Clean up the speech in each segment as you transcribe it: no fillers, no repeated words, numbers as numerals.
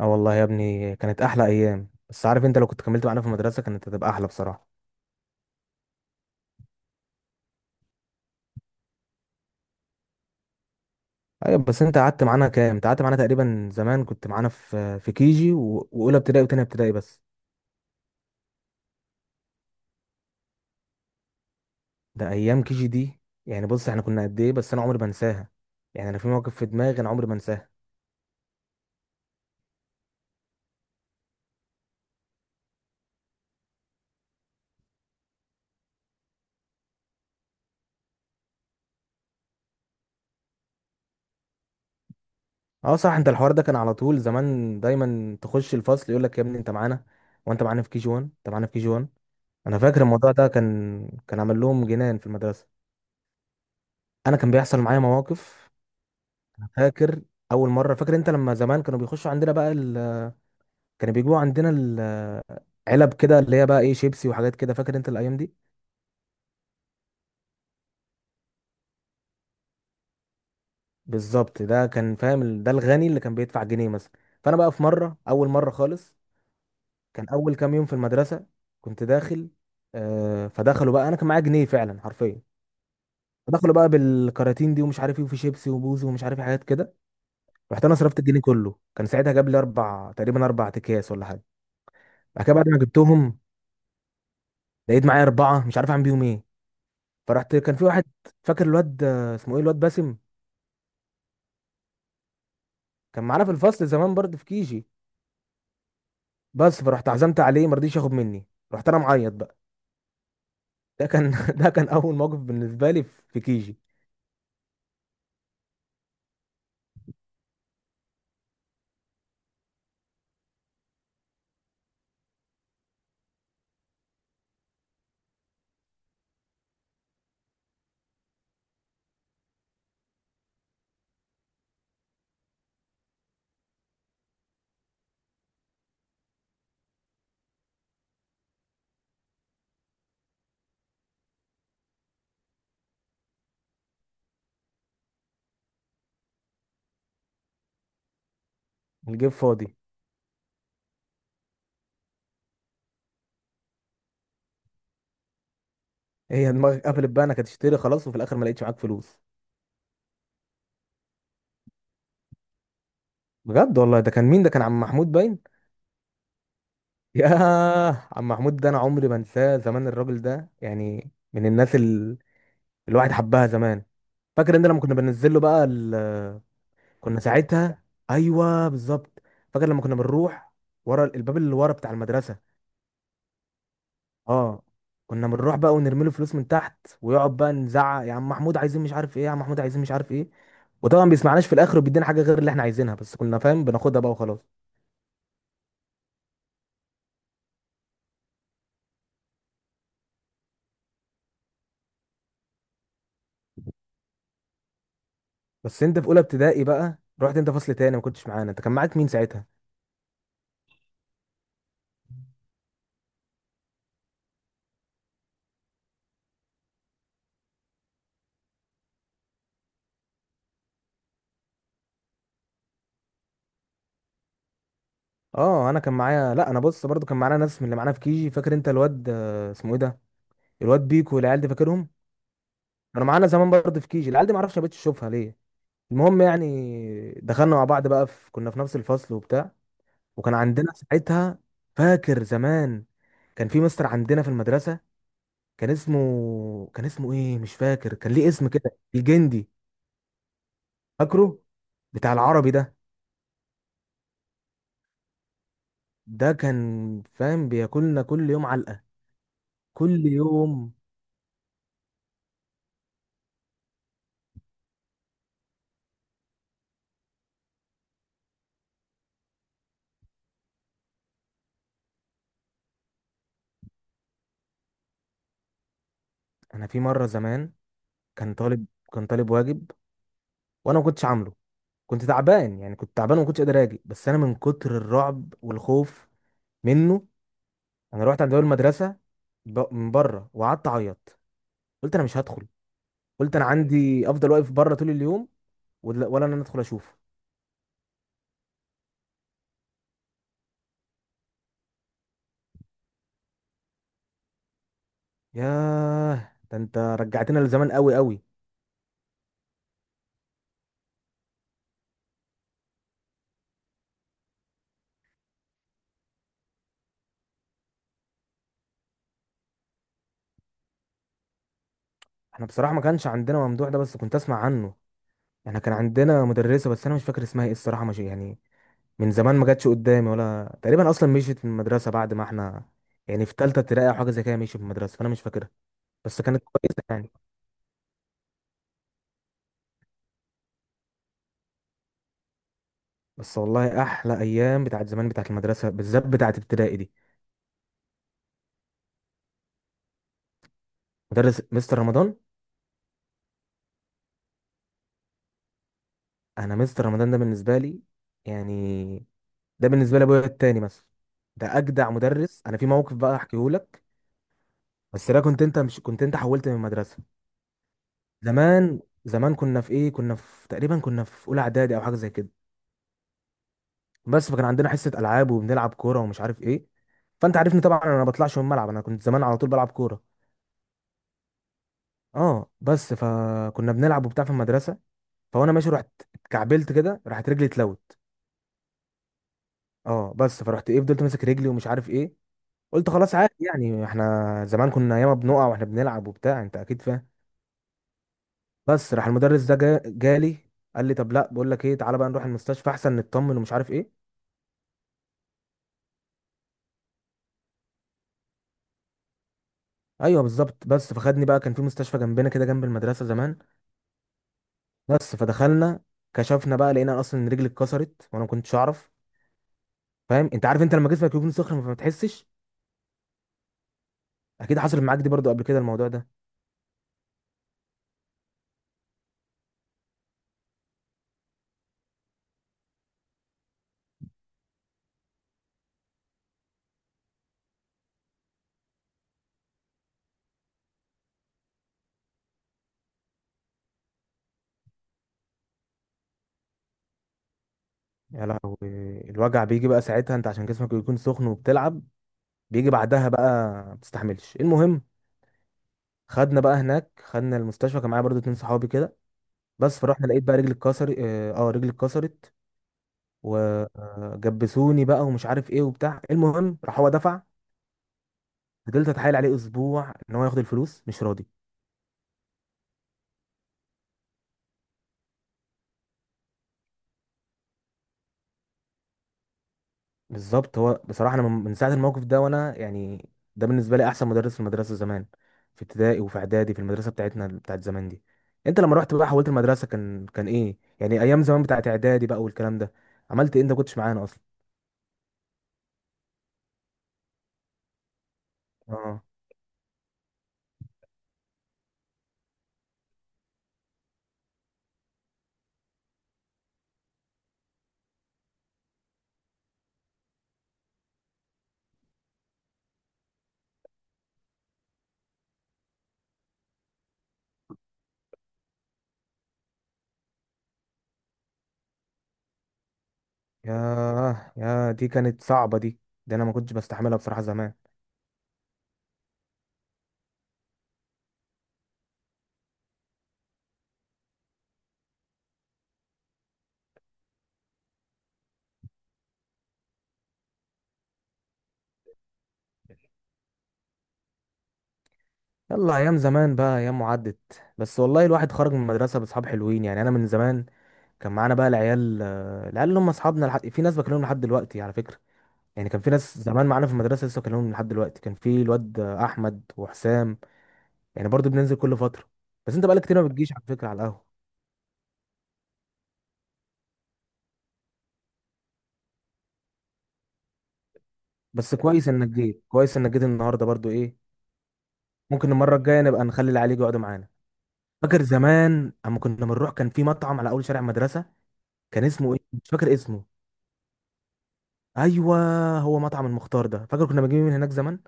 اه والله يا ابني، كانت احلى ايام. بس عارف انت، لو كنت كملت معانا في المدرسه كانت هتبقى احلى بصراحه. ايوه، بس انت قعدت معانا كام؟ انت قعدت معانا تقريبا. زمان كنت معانا في كيجي واولى ابتدائي وتانية ابتدائي بس. ده ايام كيجي دي، يعني بص احنا كنا قد ايه، بس انا عمري ما انساها. يعني انا في موقف في دماغي انا عمري ما انساها. اه صح، انت الحوار ده كان على طول زمان، دايما تخش الفصل يقول لك يا ابني انت معانا، وانت معانا في كيجي 1، انت معانا في كيجي 1. انا فاكر الموضوع ده كان عامل لهم جنان في المدرسه. انا كان بيحصل معايا مواقف. فاكر اول مره، فاكر انت لما زمان كانوا بيخشوا عندنا بقى ال...، كانوا بيجيبوا عندنا ال... علب كده اللي هي بقى ايه، شيبسي وحاجات كده، فاكر انت الايام دي؟ بالظبط، ده كان فاهم، ده الغني اللي كان بيدفع جنيه مثلا. فانا بقى في مره، اول مره خالص، كان اول كام يوم في المدرسه، كنت داخل. آه، فدخلوا بقى، انا كان معايا جنيه فعلا حرفيا. فدخلوا بقى بالكراتين دي ومش عارف ايه، وفي شيبسي وبوز ومش عارف إيه حاجات كده. رحت انا صرفت الجنيه كله، كان ساعتها جاب لي اربع، تقريبا اربع اكياس ولا حاجه. بعد كده، بعد ما جبتهم، لقيت معايا اربعه مش عارف اعمل بيهم ايه. فرحت كان في واحد، فاكر الواد اسمه ايه، الواد باسم؟ كان معانا في الفصل زمان برضه في كيجي. بس فرحت عزمت عليه، ما رضيش ياخد مني. رحت انا معيط بقى. ده كان ده كان اول موقف بالنسبه لي في كيجي. الجيب فاضي. هي دماغك قفلت بقى انك هتشتري خلاص، وفي الاخر ما لقيتش معاك فلوس. بجد والله، ده كان مين؟ ده كان عم محمود باين. يا عم محمود، ده انا عمري ما انساه. زمان الراجل ده يعني من الناس ال... الواحد حبها زمان. فاكر ان لما كنا بننزل له بقى ال... كنا ساعتها، ايوه بالظبط. فاكر لما كنا بنروح ورا الباب اللي ورا بتاع المدرسه. اه، كنا بنروح بقى ونرمي له فلوس من تحت، ويقعد بقى نزعق: يا عم محمود عايزين مش عارف ايه، يا عم محمود عايزين مش عارف ايه. وطبعا بيسمعناش، في الاخر وبيدينا حاجه غير اللي احنا عايزينها، بس كنا فاهم بناخدها بقى وخلاص. بس انت في اولى ابتدائي بقى رحت انت فصل تاني ما كنتش معانا، انت كان معاك مين ساعتها؟ اه انا كان معايا، لا انا بص، برضو كان معانا ناس من اللي معانا في كيجي. فاكر انت الواد اسمه ايه ده، الواد بيكو والعيال دي، فاكرهم؟ كانوا معانا زمان برضو في كيجي، العيال دي ما اعرفش ما بقتش اشوفها ليه. المهم يعني دخلنا مع بعض بقى، كنا في نفس الفصل وبتاع، وكان عندنا ساعتها، فاكر زمان كان في مستر عندنا في المدرسة، كان اسمه ايه مش فاكر، كان ليه اسم كده الجندي. فاكره، بتاع العربي ده. ده كان فاهم بياكلنا كل يوم علقة، كل يوم. انا في مرة زمان كان طالب كان طالب واجب، وانا ما كنتش عامله. كنت تعبان، يعني كنت تعبان وما كنتش قادر اجي، بس انا من كتر الرعب والخوف منه، انا رحت عند اول مدرسه من بره، وقعدت اعيط. قلت انا مش هدخل. قلت انا عندي افضل واقف بره طول اليوم، ولا انا ادخل اشوفه. ياه ده انت رجعتنا لزمان قوي قوي. احنا بصراحه ما كانش عندنا ممدوح ده بس كنت اسمع عنه. احنا كان عندنا مدرسه بس انا مش فاكر اسمها ايه الصراحه، مش يعني من زمان ما جاتش قدامي ولا تقريبا، اصلا مشيت من المدرسه بعد ما احنا، يعني في ثالثه ابتدائي او حاجه زي كده مشيت من المدرسه، فانا مش فاكرها. بس كانت كويسه يعني. بس والله احلى ايام بتاعت زمان، بتاعت المدرسه، بالذات بتاعت ابتدائي دي. مدرس مستر رمضان. انا مستر رمضان ده بالنسبه لي، يعني ده بالنسبه لي ابويا التاني مثلا. ده اجدع مدرس، انا في موقف بقى احكيه لك. بس ده كنت انت، مش كنت انت حولت من المدرسه. زمان زمان كنا في ايه، كنا في تقريبا كنا في اولى اعدادي او حاجه زي كده. بس فكان عندنا حصه العاب وبنلعب كوره ومش عارف ايه. فانت عارفني طبعا انا ما بطلعش من الملعب، انا كنت زمان على طول بلعب كوره. اه، بس فكنا بنلعب وبتاع في المدرسه. فوانا ماشي، رحت اتكعبلت كده، راحت رجلي اتلوت. اه، بس فرحت ايه، فضلت ماسك رجلي ومش عارف ايه. قلت خلاص عادي يعني، احنا زمان كنا ياما بنقع واحنا بنلعب وبتاع، انت اكيد فاهم. بس راح المدرس ده جالي، قال لي طب لا بقول لك ايه، تعالى بقى نروح المستشفى احسن نطمن ومش عارف ايه. ايوه بالظبط. بس فخدني بقى، كان في مستشفى جنبنا كده جنب المدرسه زمان. بس فدخلنا، كشفنا بقى، لقينا اصلا ان رجلي اتكسرت وانا ما كنتش اعرف. فاهم انت، عارف انت لما جسمك يكون صخر فما تحسش؟ اكيد حصل معاك دي برضو قبل كده الموضوع ده. يا لهوي، الوجع بيجي بقى ساعتها، انت عشان جسمك يكون سخن وبتلعب، بيجي بعدها بقى ما بتستحملش. المهم، خدنا بقى هناك، خدنا المستشفى، كان معايا برضو اتنين صحابي كده. بس فرحنا، لقيت بقى رجلي اتكسر، اه رجلي اتكسرت. وجبسوني بقى ومش عارف ايه وبتاع. المهم راح هو دفع. فضلت اتحايل عليه اسبوع ان هو ياخد الفلوس، مش راضي. بالظبط. هو بصراحه انا من ساعه الموقف ده وانا يعني ده بالنسبه لي احسن مدرس في المدرسه زمان، في ابتدائي وفي اعدادي في المدرسه بتاعتنا بتاعت زمان دي. انت لما رحت بقى حولت المدرسه، كان ايه يعني ايام زمان بتاعت اعدادي بقى والكلام ده، عملت ايه انت ما كنتش معانا اصلا؟ اه. ياه، يا دي كانت صعبة دي. دي أنا ما كنتش بستحملها بصراحة زمان. يلا أيام زمان بقى، أيام وعدت. بس والله الواحد خرج من المدرسة بأصحاب حلوين، يعني أنا من زمان كان معانا بقى العيال، العيال اللي هم أصحابنا لحد... في ناس بكلمهم لحد دلوقتي على فكرة. يعني كان في ناس زمان معانا في المدرسة لسه بكلمهم لحد دلوقتي. كان في الواد أحمد وحسام، يعني برضو بننزل كل فترة. بس أنت بقالك كتير ما بتجيش على فكرة على القهوة. بس كويس إنك جيت، كويس إنك جيت النهاردة برضو إيه. ممكن المرة الجاية نبقى نخلي العيال يجوا يقعدوا معانا. فاكر زمان اما كنا بنروح كان في مطعم على اول شارع مدرسه، كان اسمه ايه مش فاكر اسمه. ايوه، هو مطعم المختار ده، فاكر كنا بنجيب من هناك زمان.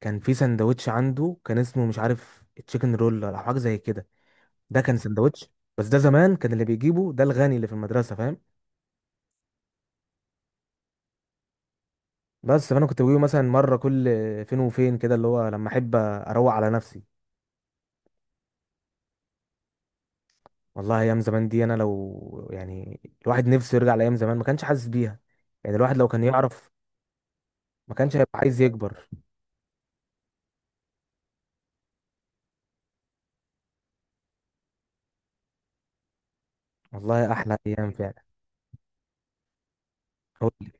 كان في سندوتش عنده، كان اسمه مش عارف تشيكن رول او حاجه زي كده. ده كان سندوتش، بس ده زمان كان اللي بيجيبه ده الغني اللي في المدرسه، فاهم. بس فانا كنت بجيبه مثلا مره كل فين وفين كده، اللي هو لما احب اروق على نفسي. والله ايام زمان دي، انا لو يعني الواحد نفسه يرجع لايام زمان، ما كانش حاسس بيها. يعني الواحد لو كان يعرف ما كانش هيبقى عايز يكبر. والله احلى ايام فعلا. قول لي.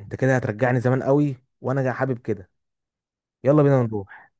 انت كده هترجعني زمان قوي، وانا حابب كده. يلا بينا نروح.